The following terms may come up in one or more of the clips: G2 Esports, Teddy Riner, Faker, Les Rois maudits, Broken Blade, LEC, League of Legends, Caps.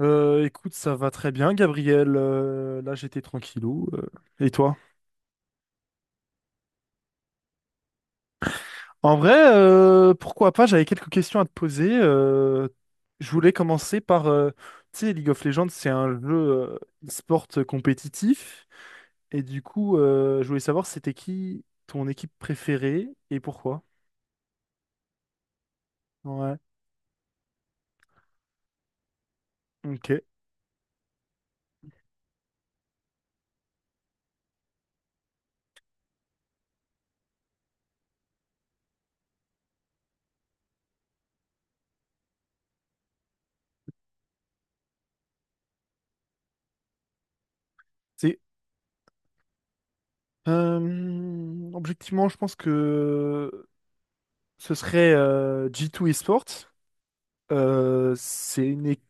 Écoute, ça va très bien, Gabriel. Là, j'étais tranquillou. Et toi? En vrai, pourquoi pas? J'avais quelques questions à te poser. Je voulais commencer par, tu sais, League of Legends, c'est un jeu e-sport compétitif. Et du coup, je voulais savoir c'était qui ton équipe préférée et pourquoi. Ouais. Ok. C'est objectivement, je pense que ce serait G2 Esports. C'est une équipe.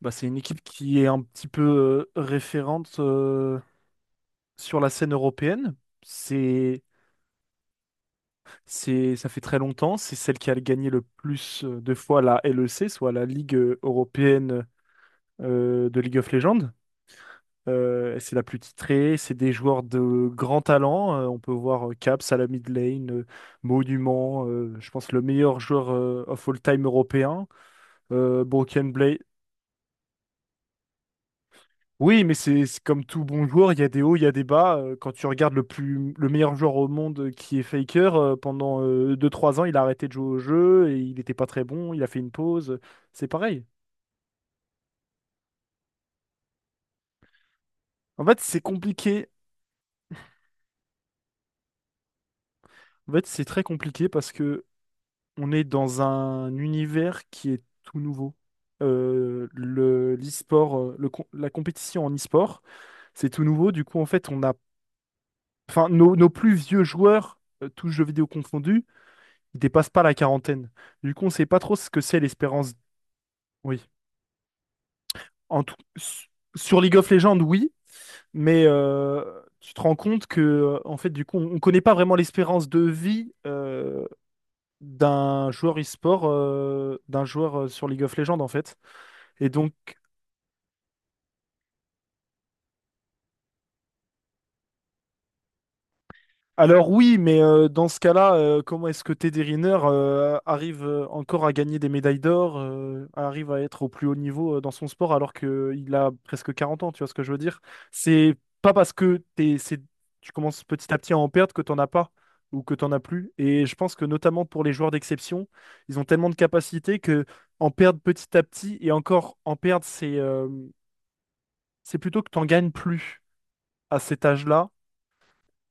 Bah, c'est une équipe qui est un petit peu référente sur la scène européenne. C'est, Ça fait très longtemps. C'est celle qui a gagné le plus de fois la LEC, soit la Ligue européenne de League of Legends. C'est la plus titrée. C'est des joueurs de grand talent. On peut voir Caps à la mid lane, Monument. Je pense le meilleur joueur of all time européen. Broken Blade. Oui, mais c'est comme tout bon joueur, il y a des hauts, il y a des bas. Quand tu regardes le meilleur joueur au monde qui est Faker, pendant 2 3 ans, il a arrêté de jouer au jeu et il n'était pas très bon, il a fait une pause. C'est pareil. En fait, c'est compliqué. En fait, c'est très compliqué parce que on est dans un univers qui est tout nouveau. Le l'e-sport, la compétition en e-sport, c'est tout nouveau. Du coup, en fait, on a, enfin, nos plus vieux joueurs, tous jeux vidéo confondus. Ils dépassent pas la quarantaine. Du coup, on sait pas trop ce que c'est l'espérance. Oui. En tout... s- Sur League of Legends, oui, mais tu te rends compte que, en fait, du coup, on connaît pas vraiment l'espérance de vie d'un joueur e-sport, d'un joueur sur League of Legends, en fait. Et donc, alors oui, mais dans ce cas-là, comment est-ce que Teddy Riner arrive encore à gagner des médailles d'or, arrive à être au plus haut niveau dans son sport alors qu'il a presque 40 ans, tu vois ce que je veux dire? C'est pas parce que tu commences petit à petit à en perdre que t'en as pas ou que t'en as plus. Et je pense que notamment pour les joueurs d'exception, ils ont tellement de capacités que en perdre petit à petit et encore en perdre, c'est plutôt que t'en gagnes plus à cet âge-là,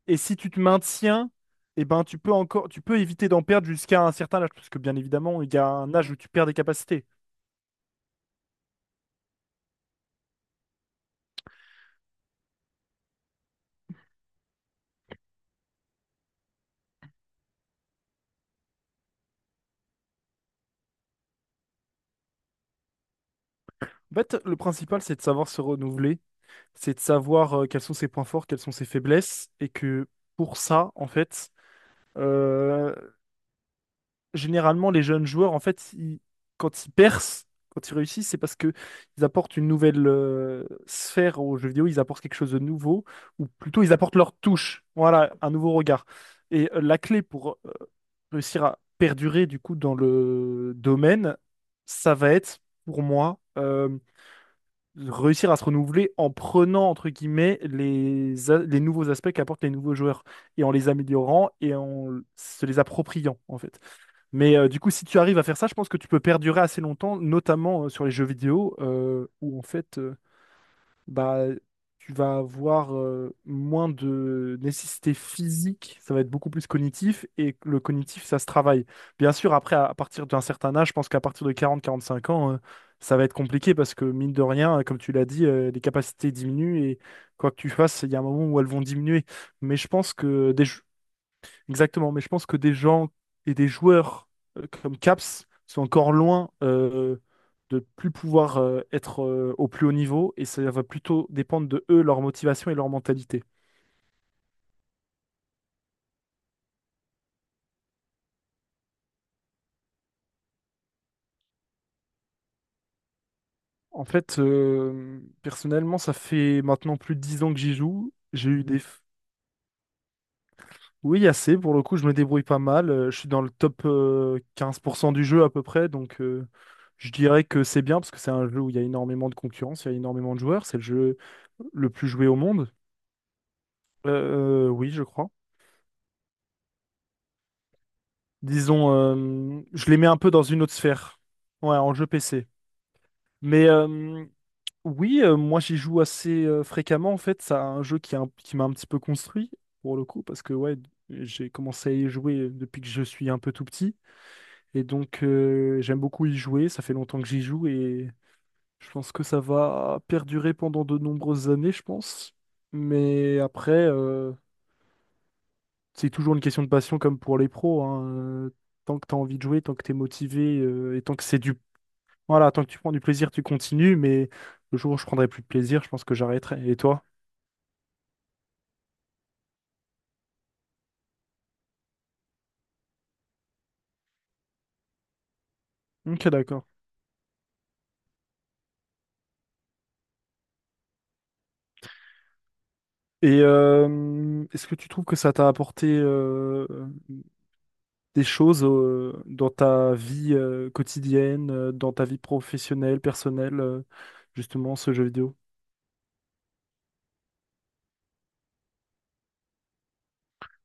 et si tu te maintiens, eh ben, tu peux éviter d'en perdre jusqu'à un certain âge, parce que bien évidemment, il y a un âge où tu perds des capacités. En fait, le principal, c'est de savoir se renouveler, c'est de savoir quels sont ses points forts, quelles sont ses faiblesses, et que pour ça, en fait, euh, généralement, les jeunes joueurs, en fait, quand ils percent, quand ils réussissent, c'est parce que ils apportent une nouvelle sphère aux jeux vidéo, ils apportent quelque chose de nouveau, ou plutôt ils apportent leur touche, voilà, un nouveau regard. Et la clé pour réussir à perdurer, du coup, dans le domaine, ça va être, pour moi, réussir à se renouveler en prenant, entre guillemets, les nouveaux aspects qu'apportent les nouveaux joueurs, et en les améliorant et en se les appropriant, en fait. Mais du coup, si tu arrives à faire ça, je pense que tu peux perdurer assez longtemps, notamment sur les jeux vidéo, où en fait, bah, tu vas avoir moins de nécessité physique, ça va être beaucoup plus cognitif, et le cognitif, ça se travaille. Bien sûr, après, à partir d'un certain âge, je pense qu'à partir de 40-45 ans, ça va être compliqué parce que, mine de rien, comme tu l'as dit, les capacités diminuent, et quoi que tu fasses, il y a un moment où elles vont diminuer. Mais je pense que des, jeux- Exactement, mais je pense que des gens et des joueurs comme Caps sont encore loin de plus pouvoir être au plus haut niveau et ça va plutôt dépendre de eux, leur motivation et leur mentalité. En fait, personnellement, ça fait maintenant plus de 10 ans que j'y joue. J'ai eu des... f- Oui, assez, pour le coup, je me débrouille pas mal. Je suis dans le top 15% du jeu à peu près, donc je dirais que c'est bien parce que c'est un jeu où il y a énormément de concurrence, il y a énormément de joueurs, c'est le jeu le plus joué au monde. Oui, je crois. Disons, je les mets un peu dans une autre sphère. Ouais, en jeu PC. Mais oui, moi j'y joue assez fréquemment en fait. C'est un jeu qui m'a un petit peu construit pour le coup parce que ouais, j'ai commencé à y jouer depuis que je suis un peu tout petit et donc j'aime beaucoup y jouer. Ça fait longtemps que j'y joue et je pense que ça va perdurer pendant de nombreuses années, je pense. Mais après. C'est toujours une question de passion comme pour les pros, hein. Euh, Tant que tu as envie de jouer, tant que tu es motivé, et tant que c'est du... Voilà, tant que tu prends du plaisir, tu continues, mais le jour où je prendrai plus de plaisir, je pense que j'arrêterai. Et toi? Ok, d'accord. Et est-ce que tu trouves que ça t'a apporté des choses dans ta vie quotidienne, dans ta vie professionnelle, personnelle, justement, ce jeu vidéo?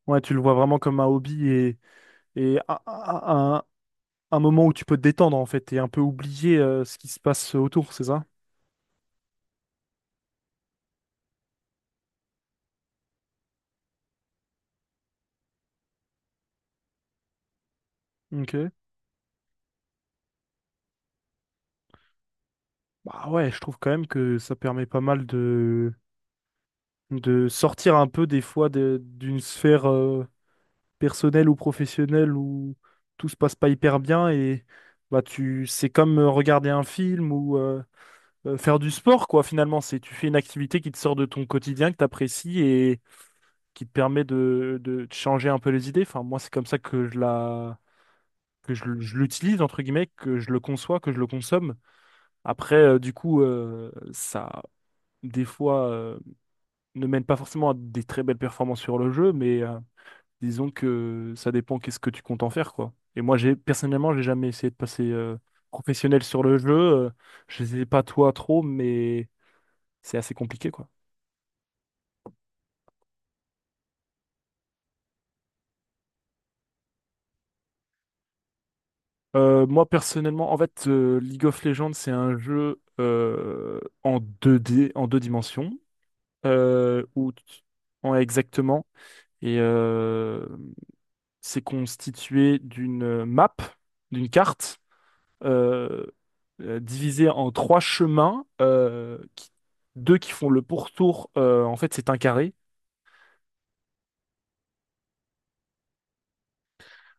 Ouais, tu le vois vraiment comme un hobby et un moment où tu peux te détendre en fait et un peu oublier ce qui se passe autour, c'est ça? Ok. Bah ouais, je trouve quand même que ça permet pas mal de sortir un peu des fois d'une sphère personnelle ou professionnelle où tout se passe pas hyper bien et bah tu c'est comme regarder un film ou faire du sport quoi finalement, c'est tu fais une activité qui te sort de ton quotidien, que t'apprécies et qui te permet de te changer un peu les idées. Enfin moi c'est comme ça que je l'utilise, entre guillemets, que je le conçois, que je le consomme. Après, du coup, ça, des fois, ne mène pas forcément à des très belles performances sur le jeu, mais disons que ça dépend qu'est-ce que tu comptes en faire, quoi. Et moi, personnellement, j'ai jamais essayé de passer professionnel sur le jeu. Je sais pas toi trop, mais c'est assez compliqué, quoi. Moi personnellement, en fait, League of Legends, c'est un jeu en deux dimensions. euh, où t- En exactement. Et c'est constitué d'une d'une carte, euh, divisée en trois chemins, deux qui font le pourtour. En fait, c'est un carré.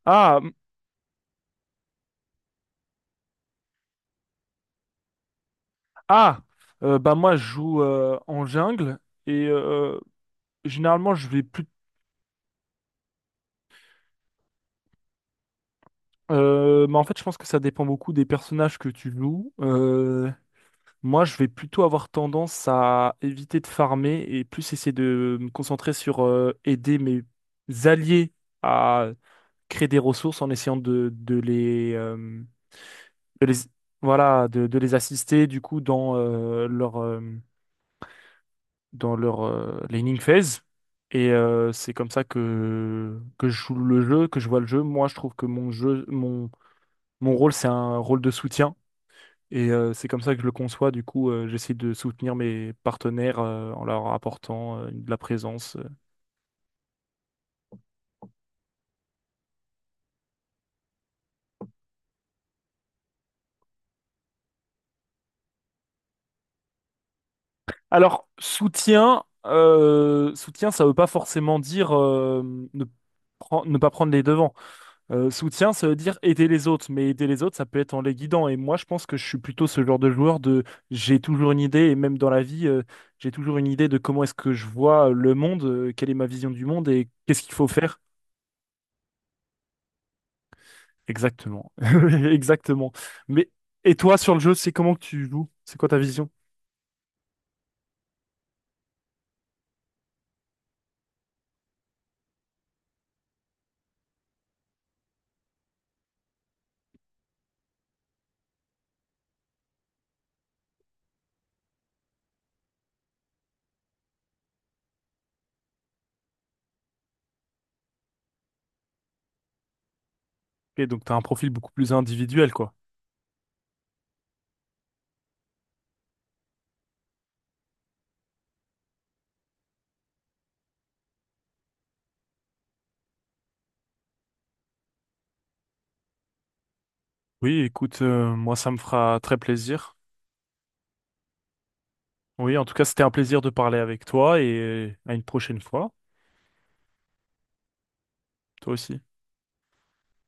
Ah, m- ah, Bah moi je joue en jungle et généralement je vais plus. Mais en fait, je pense que ça dépend beaucoup des personnages que tu joues. Moi, je vais plutôt avoir tendance à éviter de farmer et plus essayer de me concentrer sur aider mes alliés à créer des ressources en essayant de les, de les- voilà, de les assister du coup dans dans leur laning phase. Et c'est comme ça que je joue le jeu, que je vois le jeu. Moi, je trouve que mon jeu, mon rôle, c'est un rôle de soutien. Et c'est comme ça que je le conçois. Du coup, j'essaie de soutenir mes partenaires en leur apportant de la présence. Alors, soutien, ça veut pas forcément dire ne, ne pas prendre les devants. Soutien, ça veut dire aider les autres. Mais aider les autres, ça peut être en les guidant. Et moi, je pense que je suis plutôt ce genre de joueur de j'ai toujours une idée, et même dans la vie, j'ai toujours une idée de comment est-ce que je vois le monde, quelle est ma vision du monde et qu'est-ce qu'il faut faire. Exactement. Exactement. Mais et toi sur le jeu, c'est comment que tu joues? C'est quoi ta vision? Et donc t'as un profil beaucoup plus individuel, quoi. Oui, écoute, moi ça me fera très plaisir. Oui, en tout cas, c'était un plaisir de parler avec toi et à une prochaine fois. Toi aussi.